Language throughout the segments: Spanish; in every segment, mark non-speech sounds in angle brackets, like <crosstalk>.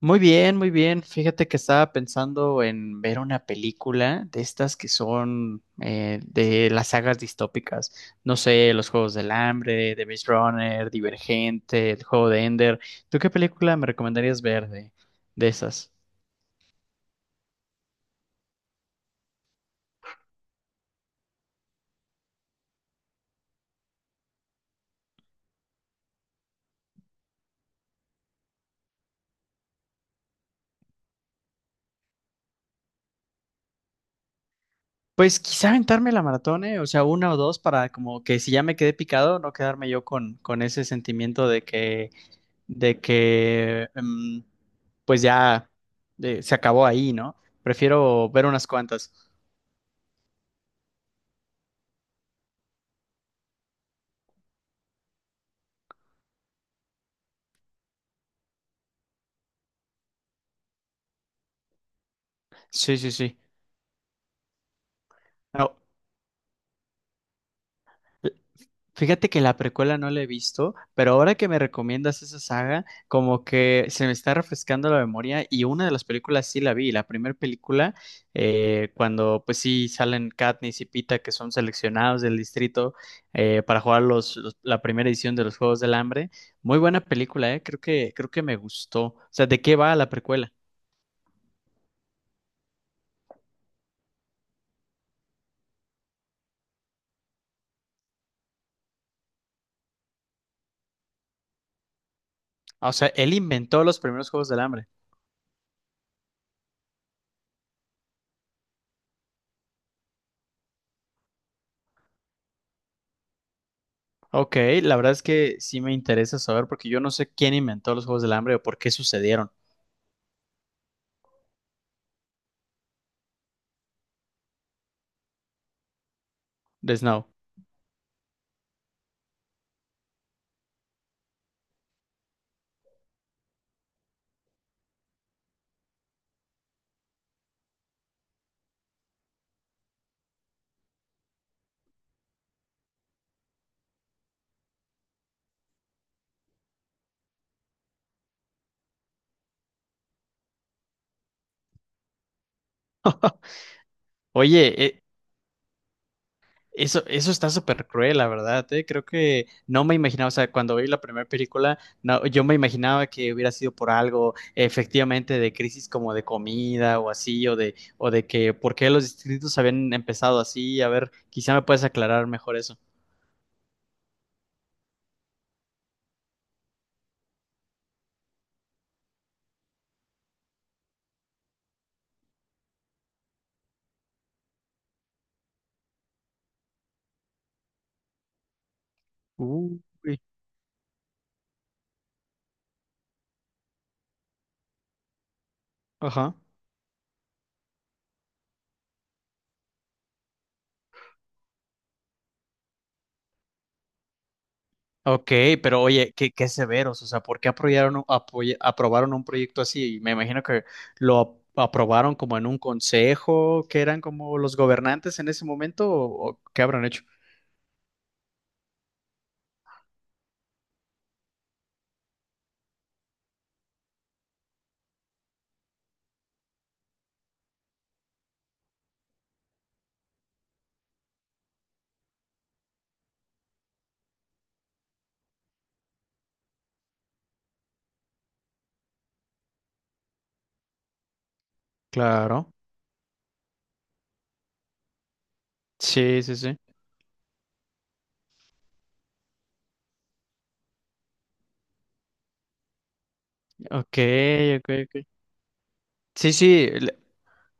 Muy bien, muy bien. Fíjate que estaba pensando en ver una película de estas que son de las sagas distópicas. No sé, Los Juegos del Hambre, The Maze Runner, Divergente, El Juego de Ender. ¿Tú qué película me recomendarías ver de esas? Pues quizá aventarme la maratón, o sea, una o dos para como que si ya me quedé picado, no quedarme yo con ese sentimiento de que pues ya, se acabó ahí, ¿no? Prefiero ver unas cuantas. Sí, sí, sí. No, fíjate que la precuela no la he visto, pero ahora que me recomiendas esa saga, como que se me está refrescando la memoria y una de las películas sí la vi, la primera película, cuando pues sí salen Katniss y Pita que son seleccionados del distrito, para jugar la primera edición de los Juegos del Hambre. Muy buena película. Creo que me gustó. O sea, ¿de qué va la precuela? Ah, o sea, él inventó los primeros Juegos del Hambre. Ok, la verdad es que sí me interesa saber porque yo no sé quién inventó los Juegos del Hambre o por qué sucedieron. De Snow. Oye, eso, eso está súper cruel, la verdad, Creo que no me imaginaba, o sea, cuando vi la primera película, no, yo me imaginaba que hubiera sido por algo, efectivamente, de crisis como de comida o así, o de que por qué los distritos habían empezado así. A ver, quizá me puedes aclarar mejor eso. Uy. Ajá. Ok, pero oye, qué, qué severos. O sea, ¿por qué aprobaron, aprobaron un proyecto así? Me imagino que aprobaron como en un consejo, que eran como los gobernantes en ese momento, o qué habrán hecho. Claro, sí, sí, sí. Ok, ok, ok. Sí, sí,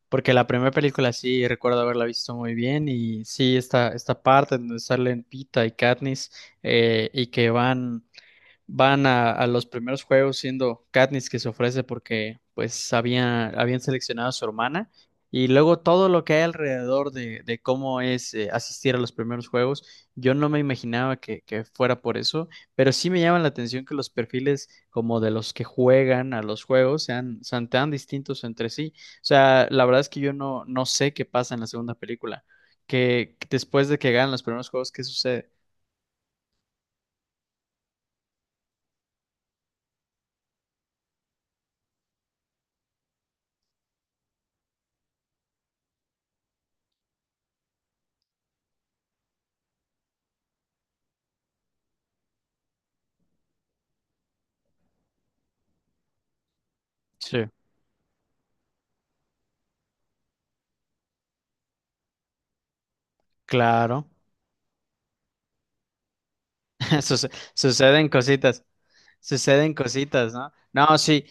porque la primera película sí recuerdo haberla visto muy bien y sí, esta parte donde salen Pita y Katniss, y que van... van a los primeros juegos siendo Katniss que se ofrece porque pues habían seleccionado a su hermana y luego todo lo que hay alrededor de cómo es, asistir a los primeros juegos. Yo no me imaginaba que fuera por eso, pero sí me llama la atención que los perfiles como de los que juegan a los juegos sean, sean tan distintos entre sí. O sea, la verdad es que yo no, no sé qué pasa en la segunda película, que después de que ganan los primeros juegos, ¿qué sucede? Sí. Claro. <laughs> Suce- Suceden cositas, suceden cositas, ¿no? No, sí,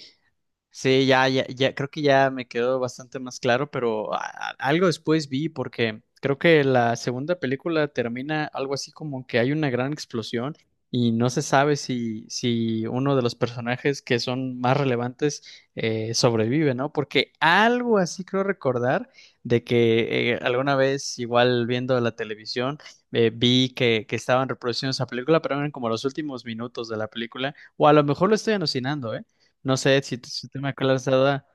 sí, ya, ya, ya, creo que ya me quedó bastante más claro, pero algo después vi porque creo que la segunda película termina algo así como que hay una gran explosión y no se sabe si, si uno de los personajes que son más relevantes, sobrevive, ¿no? Porque algo así creo recordar de que, alguna vez, igual viendo la televisión, vi que estaban reproduciendo esa película, pero eran como los últimos minutos de la película, o a lo mejor lo estoy alucinando, ¿eh? No sé si, si te me acuerdas de Dada.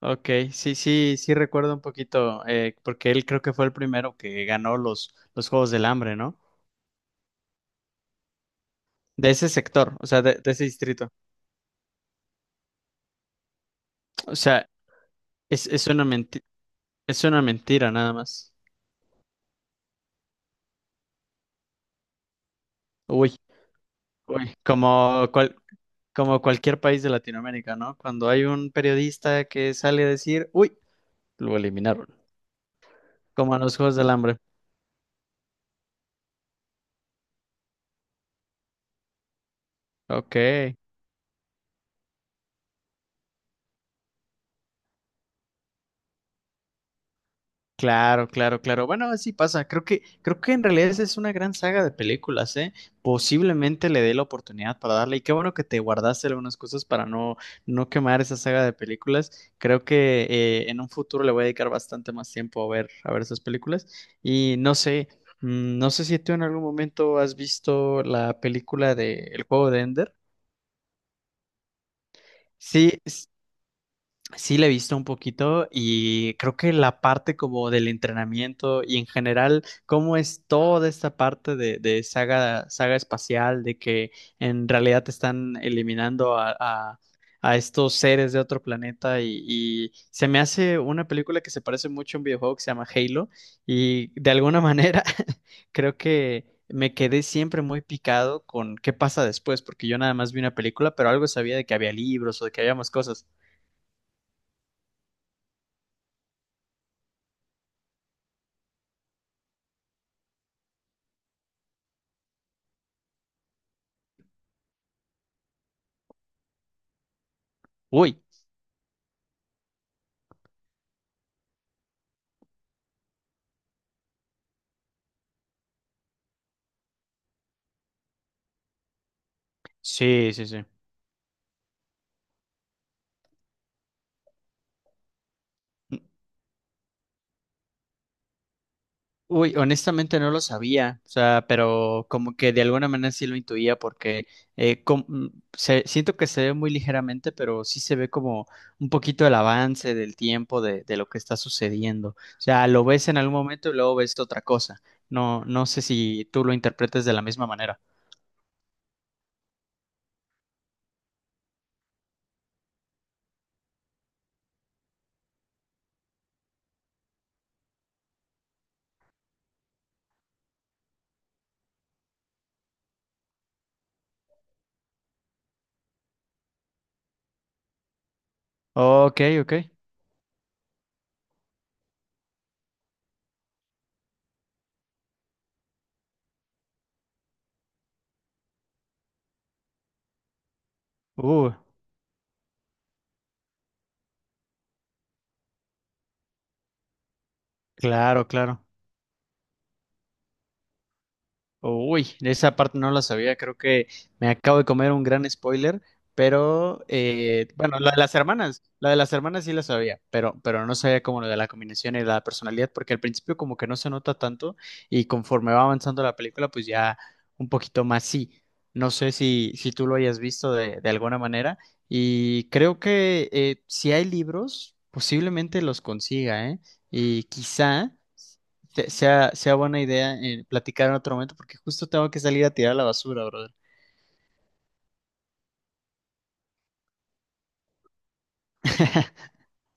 Ok, sí, sí, sí recuerdo un poquito, porque él creo que fue el primero que ganó los Juegos del Hambre, ¿no? De ese sector, o sea, de ese distrito. O sea, es, es una menti- es una mentira nada más. Uy, uy, como cualquier país de Latinoamérica, ¿no? Cuando hay un periodista que sale a decir, uy, lo eliminaron, como a los Juegos del Hambre. Ok. Claro, claro, claro. Bueno, así pasa. Creo que en realidad esa es una gran saga de películas, ¿eh? Posiblemente le dé la oportunidad para darle. Y qué bueno que te guardaste algunas cosas para no, no quemar esa saga de películas. Creo que, en un futuro le voy a dedicar bastante más tiempo a ver esas películas. Y no sé, no sé si tú en algún momento has visto la película de El Juego de Ender. Sí, sí, le he visto un poquito y creo que la parte como del entrenamiento y en general, cómo es toda esta parte de saga, saga espacial, de que en realidad te están eliminando a estos seres de otro planeta y se me hace una película que se parece mucho a un videojuego que se llama Halo y de alguna manera <laughs> creo que me quedé siempre muy picado con qué pasa después, porque yo nada más vi una película, pero algo sabía de que había libros o de que había más cosas. Uy. Sí, sí, sí. Uy, honestamente no lo sabía, o sea, pero como que de alguna manera sí lo intuía porque siento que se ve muy ligeramente, pero sí se ve como un poquito el avance del tiempo de lo que está sucediendo. O sea, lo ves en algún momento y luego ves otra cosa. No, no sé si tú lo interpretes de la misma manera. Ok, ok. Uh, claro, claro. Uy, de esa parte no la sabía, creo que me acabo de comer un gran spoiler, pero bueno, la de las hermanas, la de las hermanas sí la sabía, pero no sabía como lo de la combinación y la personalidad, porque al principio como que no se nota tanto y conforme va avanzando la película, pues ya un poquito más sí. No sé si, si tú lo hayas visto de alguna manera y creo que, si hay libros, posiblemente los consiga, ¿eh? Y quizá sea buena idea, platicar en otro momento porque justo tengo que salir a tirar la basura, brother.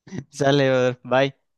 <laughs> Sale, brother. Bye.